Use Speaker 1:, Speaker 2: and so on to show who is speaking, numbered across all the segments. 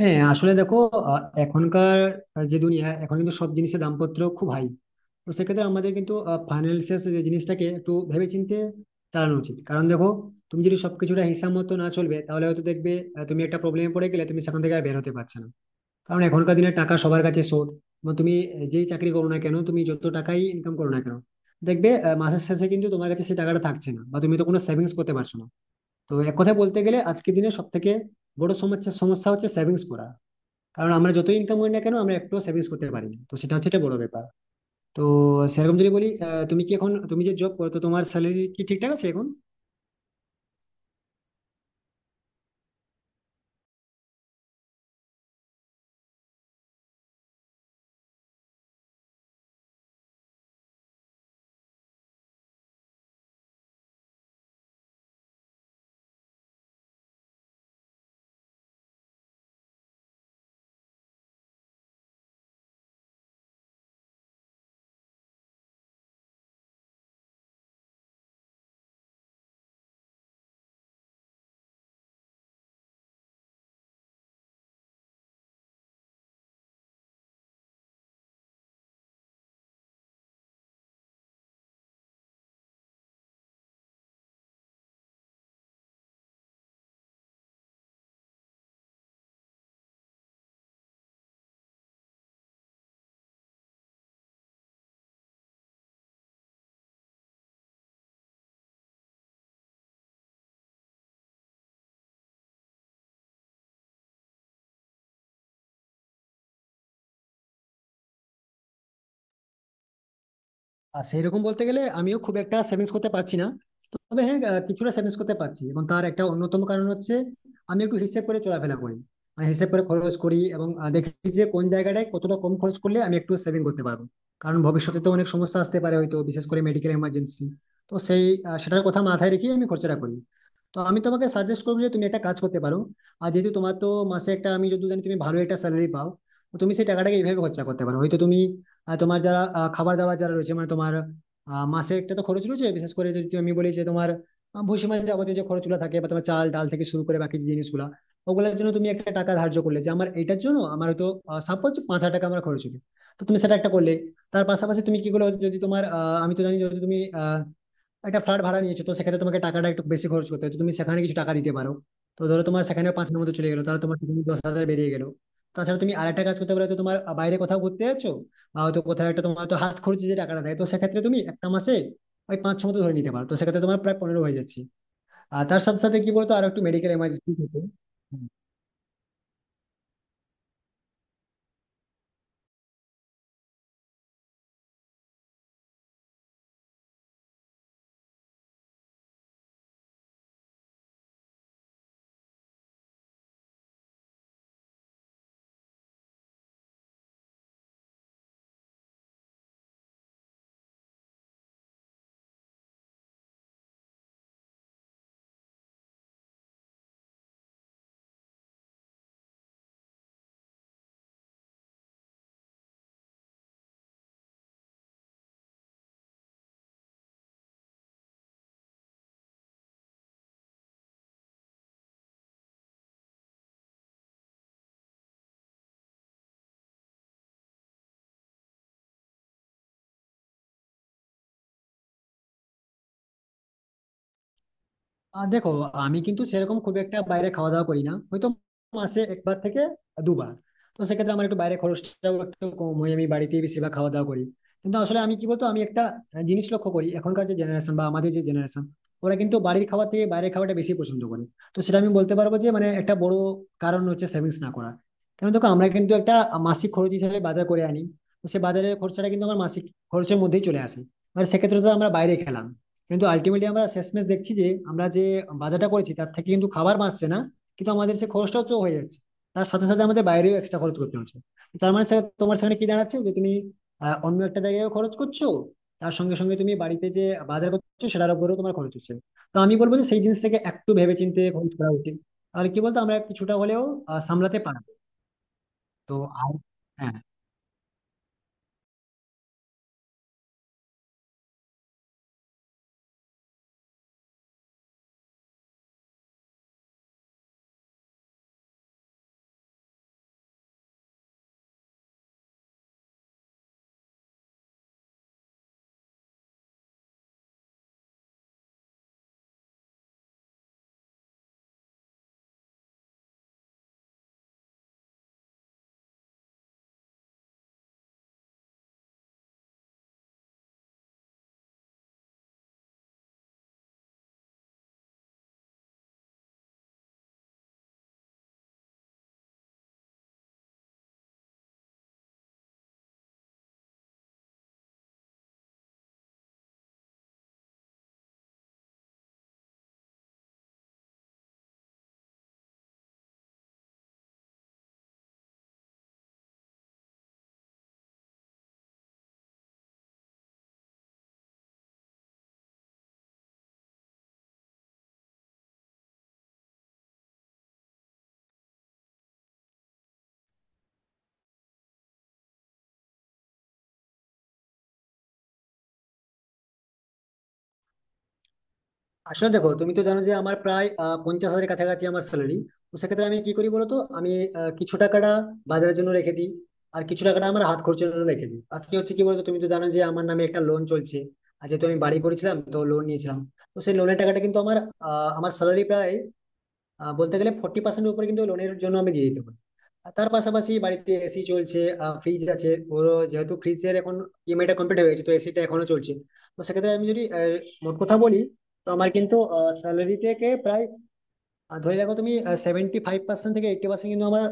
Speaker 1: হ্যাঁ, আসলে দেখো, এখনকার যে দুনিয়া এখন কিন্তু সব জিনিসের দামপত্র খুব হাই। তো সেক্ষেত্রে আমাদের কিন্তু ফাইন্যান্সিয়াল যে জিনিসটাকে একটু ভেবেচিন্তে চালানো উচিত। কারণ দেখো, তুমি যদি সবকিছুটা হিসাব মতো না চলবে তাহলে হয়তো দেখবে তুমি একটা প্রবলেমে পড়ে গেলে, তুমি সেখান থেকে আর বের হতে পারছো না। কারণ এখনকার দিনে টাকা সবার কাছে শর্ট। তুমি যেই চাকরি করো না কেন, তুমি যত টাকাই ইনকাম করো না কেন, দেখবে মাসের শেষে কিন্তু তোমার কাছে সেই টাকাটা থাকছে না, বা তুমি তো কোনো সেভিংস করতে পারছো না। তো এক কথায় বলতে গেলে আজকের দিনে সব থেকে বড় সমস্যা সমস্যা হচ্ছে সেভিংস করা। কারণ আমরা যতই ইনকাম করি না কেন, আমরা একটু সেভিংস করতে পারি না, তো সেটা হচ্ছে একটা বড় ব্যাপার। তো সেরকম যদি বলি, তুমি কি এখন তুমি যে জব করো, তো তোমার স্যালারি কি ঠিকঠাক আছে এখন? আর সেই রকম বলতে গেলে আমিও খুব একটা সেভিংস করতে পারছি না। তবে হ্যাঁ, কিছুটা সেভিংস করতে পারছি এবং তার একটা অন্যতম কারণ হচ্ছে আমি একটু হিসেব করে চলাফেরা করি, মানে হিসেব করে খরচ করি এবং দেখি যে কোন জায়গাটায় কতটা কম খরচ করলে আমি একটু সেভিং করতে পারবো। কারণ ভবিষ্যতে তো অনেক সমস্যা আসতে পারে, হয়তো বিশেষ করে মেডিকেল এমার্জেন্সি। তো সেই সেটার কথা মাথায় রেখে আমি খরচাটা করি। তো আমি তোমাকে সাজেস্ট করবো যে তুমি একটা কাজ করতে পারো। আর যেহেতু তোমার তো মাসে একটা, আমি যদি জানি তুমি ভালো একটা স্যালারি পাও, তো তুমি সেই টাকাটাকে এইভাবে খরচা করতে পারো। হয়তো তুমি তোমার যারা খাবার দাবার যারা রয়েছে, মানে তোমার মাসে একটা তো খরচ রয়েছে, বিশেষ করে যদি আমি বলি যে তোমার ভুসি মাসে যাবতীয় যে খরচগুলো থাকে বা তোমার চাল ডাল থেকে শুরু করে বাকি যে জিনিসগুলা, ওগুলোর জন্য তুমি একটা টাকা ধার্য করলে যে আমার এটার জন্য আমার হয়তো সাপোজ 5000 টাকা আমার খরচ হবে। তো তুমি সেটা একটা করলে, তার পাশাপাশি তুমি কি করলে, যদি তোমার আমি তো জানি যদি তুমি একটা ফ্ল্যাট ভাড়া নিয়েছো, তো সেক্ষেত্রে তোমাকে টাকাটা একটু বেশি খরচ করতে হয়, তো তুমি সেখানে কিছু টাকা দিতে পারো। তো ধরো তোমার সেখানে 5000 মতো চলে গেলো, তাহলে তোমার সেখানে 10,000 বেরিয়ে গেলো। তাছাড়া তুমি আরেকটা কাজ করতে পারো, তো তোমার বাইরে কোথাও ঘুরতে যাচ্ছো বা হয়তো কোথাও একটা, তোমার তো হাত খরচ যে টাকাটা দেয়, তো সেক্ষেত্রে তুমি একটা মাসে ওই পাঁচ ছ মতো ধরে নিতে পারো, তো সেক্ষেত্রে তোমার প্রায় 15 হয়ে যাচ্ছে। আর তার সাথে সাথে কি বলতো, আর একটু মেডিকেল এমার্জেন্সি থাকে। আহ, দেখো, আমি কিন্তু সেরকম খুব একটা বাইরে খাওয়া দাওয়া করি না, হয়তো মাসে একবার থেকে দুবার। তো সেক্ষেত্রে আমার একটু বাইরে খরচটাও একটু কম হয়, আমি বাড়িতেই বেশিরভাগ খাওয়া দাওয়া করি। কিন্তু আসলে আমি কি বলতো, আমি একটা জিনিস লক্ষ্য করি, এখনকার যে জেনারেশন বা আমাদের যে জেনারেশন, ওরা কিন্তু বাড়ির খাওয়া থেকে বাইরের খাওয়াটা বেশি পছন্দ করে। তো সেটা আমি বলতে পারবো যে মানে একটা বড় কারণ হচ্ছে সেভিংস না করা। কারণ দেখো, আমরা কিন্তু একটা মাসিক খরচ হিসেবে বাজার করে আনি, তো সে বাজারের খরচাটা কিন্তু আমার মাসিক খরচের মধ্যেই চলে আসে। মানে সেক্ষেত্রে তো আমরা বাইরে খেলাম, কিন্তু আলটিমেটলি আমরা শেষমেশ দেখছি যে আমরা যে বাজারটা করেছি তার থেকে কিন্তু খাবার বাঁচছে না, কিন্তু আমাদের সে খরচটাও তো হয়ে যাচ্ছে। তার সাথে সাথে আমাদের বাইরেও এক্সট্রা খরচ করতে হচ্ছে। তার মানে স্যার তোমার সেখানে কি দাঁড়াচ্ছে যে তুমি অন্য একটা জায়গায় খরচ করছো, তার সঙ্গে সঙ্গে তুমি বাড়িতে যে বাজার করছো সেটার উপরেও তোমার খরচ হচ্ছে। তো আমি বলবো যে সেই জিনিসটাকে একটু ভেবেচিন্তে খরচ করা উচিত। তাহলে কি বলতো, আমরা কিছুটা হলেও সামলাতে পারবো। তো আর হ্যাঁ, আসলে দেখো, তুমি তো জানো যে আমার প্রায় 50,000-এর কাছাকাছি আমার স্যালারি। তো সেক্ষেত্রে আমি কি করি বলতো, আমি কিছু টাকাটা বাজারের জন্য রেখে দিই, আর কিছু টাকাটা আমার হাত খরচের জন্য রেখে দিই। বাকি হচ্ছে কি বলতো, তুমি তো জানো যে আমার নামে একটা লোন চলছে, আর যেহেতু আমি বাড়ি করেছিলাম তো লোন নিয়েছিলাম। তো সেই লোনের টাকাটা কিন্তু আমার আমার স্যালারি প্রায় বলতে গেলে 40% উপরে কিন্তু লোনের জন্য আমি দিয়ে দিতে পারি। আর তার পাশাপাশি বাড়িতে এসি চলছে, ফ্রিজ আছে ওর। যেহেতু ফ্রিজের এখন ইএমআইটা কমপ্লিট হয়ে গেছে তো এসিটা এখনো চলছে। তো সেক্ষেত্রে আমি যদি মোট কথা বলি, তো আমার কিন্তু স্যালারি থেকে প্রায়, আর ধরে রাখো তুমি, 75% থেকে 80% কিন্তু আমার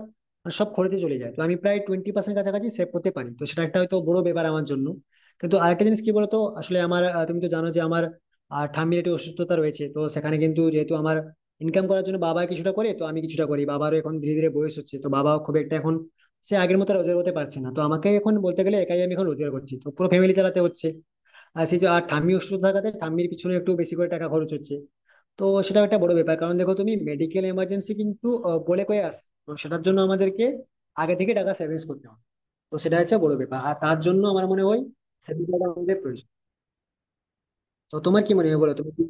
Speaker 1: মানে সব খরচে চলে যায়। তো আমি প্রায় 20% কাছাকাছি সেভ করতে পারি, তো সেটা একটা হয়তো বড় ব্যাপার আমার জন্য। কিন্তু আরেকটা জিনিস কি বলতো, আসলে আমার তুমি তো জানো যে আমার ঠাম্মির একটি অসুস্থতা রয়েছে, তো সেখানে কিন্তু যেহেতু আমার ইনকাম করার জন্য বাবা কিছুটা করে তো আমি কিছুটা করি। বাবারও এখন ধীরে ধীরে বয়স হচ্ছে, তো বাবাও খুব একটা এখন সে আগের মতো রোজগার করতে পারছে না। তো আমাকে এখন বলতে গেলে একাই আমি এখন রোজগার করছি, তো পুরো ফ্যামিলি চালাতে হচ্ছে। আর সেই যে আর ঠাম্মি অসুস্থ থাকাতে ঠাম্মির পিছনে একটু বেশি করে টাকা খরচ হচ্ছে। তো সেটা একটা বড় ব্যাপার, কারণ দেখো তুমি মেডিকেল এমার্জেন্সি কিন্তু বলে কয়ে আসে, তো সেটার জন্য আমাদেরকে আগে থেকে টাকা সেভিংস করতে হবে। তো সেটা হচ্ছে বড় ব্যাপার, আর তার জন্য আমার মনে হয় সেভিংস আমাদের প্রয়োজন। তো তোমার কি মনে হয় বলো, তুমি কি?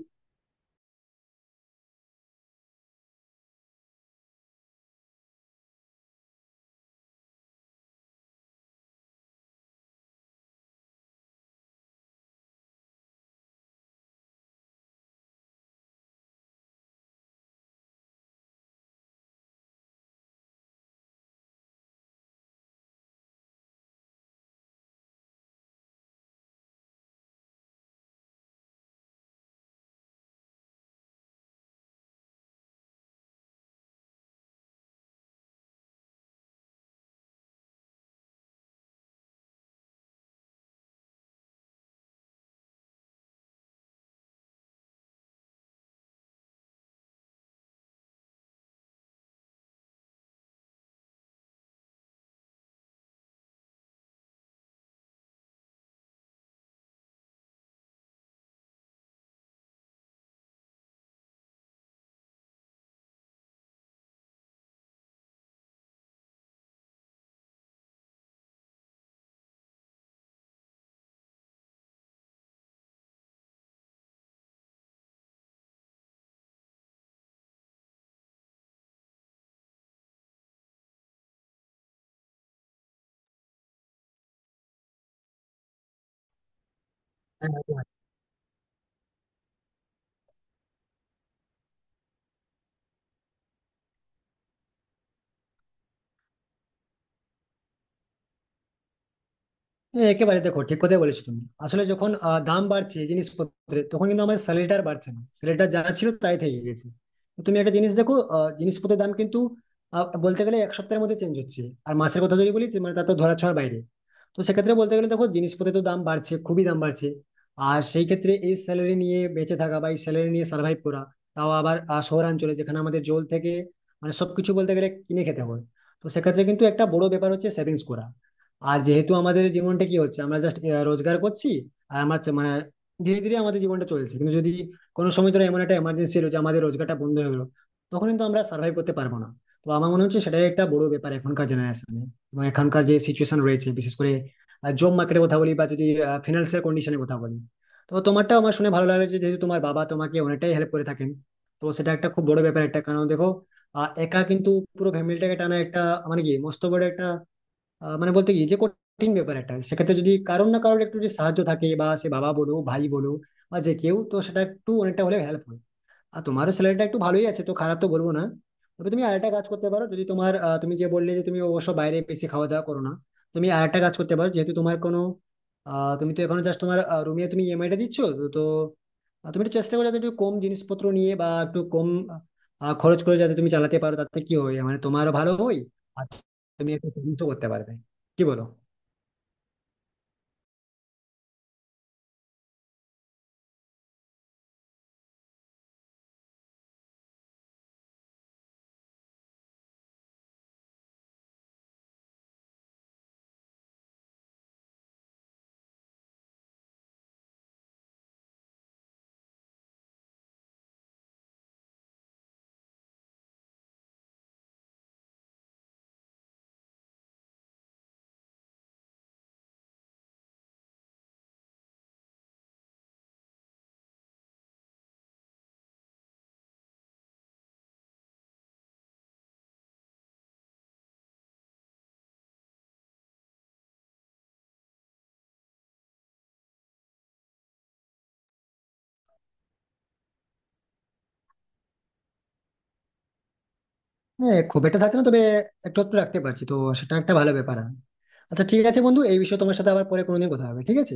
Speaker 1: হ্যাঁ, একেবারে, দেখো ঠিক কথাই বলেছো তুমি। আসলে যখন দাম বাড়ছে জিনিসপত্রের তখন কিন্তু আমাদের স্যালারিটা আর বাড়ছে না, স্যালারিটা যা ছিল তাই থেকে গেছে। তো তুমি একটা জিনিস দেখো, জিনিসপত্রের দাম কিন্তু বলতে গেলে এক সপ্তাহের মধ্যে চেঞ্জ হচ্ছে। আর মাসের কথা যদি বলি তো মানে তার তো ধরা ছোঁয়ার বাইরে। তো সেক্ষেত্রে বলতে গেলে দেখো, জিনিসপত্রের তো দাম বাড়ছে, খুবই দাম বাড়ছে। আর সেই ক্ষেত্রে এই স্যালারি নিয়ে বেঁচে থাকা বা এই স্যালারি নিয়ে সার্ভাইভ করা, তাও আবার শহরাঞ্চলে যেখানে আমাদের জল থেকে মানে সবকিছু বলতে গেলে কিনে খেতে হয়, তো সেক্ষেত্রে কিন্তু একটা বড় ব্যাপার হচ্ছে সেভিংস করা। আর যেহেতু আমাদের জীবনটা কি হচ্ছে, আমরা জাস্ট রোজগার করছি, আর মানে ধীরে ধীরে আমাদের জীবনটা চলছে। কিন্তু যদি কোনো সময় ধরো এমন একটা এমার্জেন্সি এলো যে আমাদের রোজগারটা বন্ধ হয়ে গেলো, তখন কিন্তু আমরা সার্ভাইভ করতে পারবো না। তো আমার মনে হচ্ছে সেটাই একটা বড় ব্যাপার এখনকার জেনারেশনে, এবং এখনকার যে সিচুয়েশন রয়েছে, বিশেষ করে জব মার্কেটের কথা বলি বা যদি ফিনান্সিয়াল কন্ডিশনের কথা বলি। তো তোমারটা আমার শুনে ভালো লাগলো যে যেহেতু তোমার বাবা তোমাকে অনেকটাই হেল্প করে থাকেন, তো সেটা একটা খুব বড় ব্যাপার একটা। কারণ দেখো, একা কিন্তু পুরো ফ্যামিলিটাকে টানা একটা মানে কি মস্ত বড় একটা মানে বলতে কি যে কঠিন ব্যাপার একটা। সেক্ষেত্রে যদি কারোর না কারোর একটু যদি সাহায্য থাকে, বা সে বাবা বলো, ভাই বলো বা যে কেউ, তো সেটা একটু অনেকটা হলে হেল্প হয়। আর তোমারও স্যালারিটা একটু ভালোই আছে, তো খারাপ তো বলবো না। তবে তুমি আরেকটা কাজ করতে পারো, যদি তোমার তুমি যে বললে যে তুমি অবশ্য বাইরে বেশি খাওয়া দাওয়া করো না, তুমি আরেকটা কাজ করতে পারো। যেহেতু তোমার কোনো তুমি তো এখন জাস্ট তোমার রুমে তুমি ইএমআই টা দিচ্ছ তো তো, তুমি একটু চেষ্টা করো যাতে একটু কম জিনিসপত্র নিয়ে বা একটু কম খরচ করে যাতে তুমি চালাতে পারো। তাতে কি হয়, মানে তোমারও ভালো হয় আর তুমি একটু সেভিংসও করতে পারবে, কি বলো? হ্যাঁ, খুব একটা থাকছে না, তবে একটু একটু রাখতে পারছি, তো সেটা একটা ভালো ব্যাপার। আচ্ছা ঠিক আছে বন্ধু, এই বিষয়ে তোমার সাথে আবার পরে কোনোদিন কথা হবে, ঠিক আছে?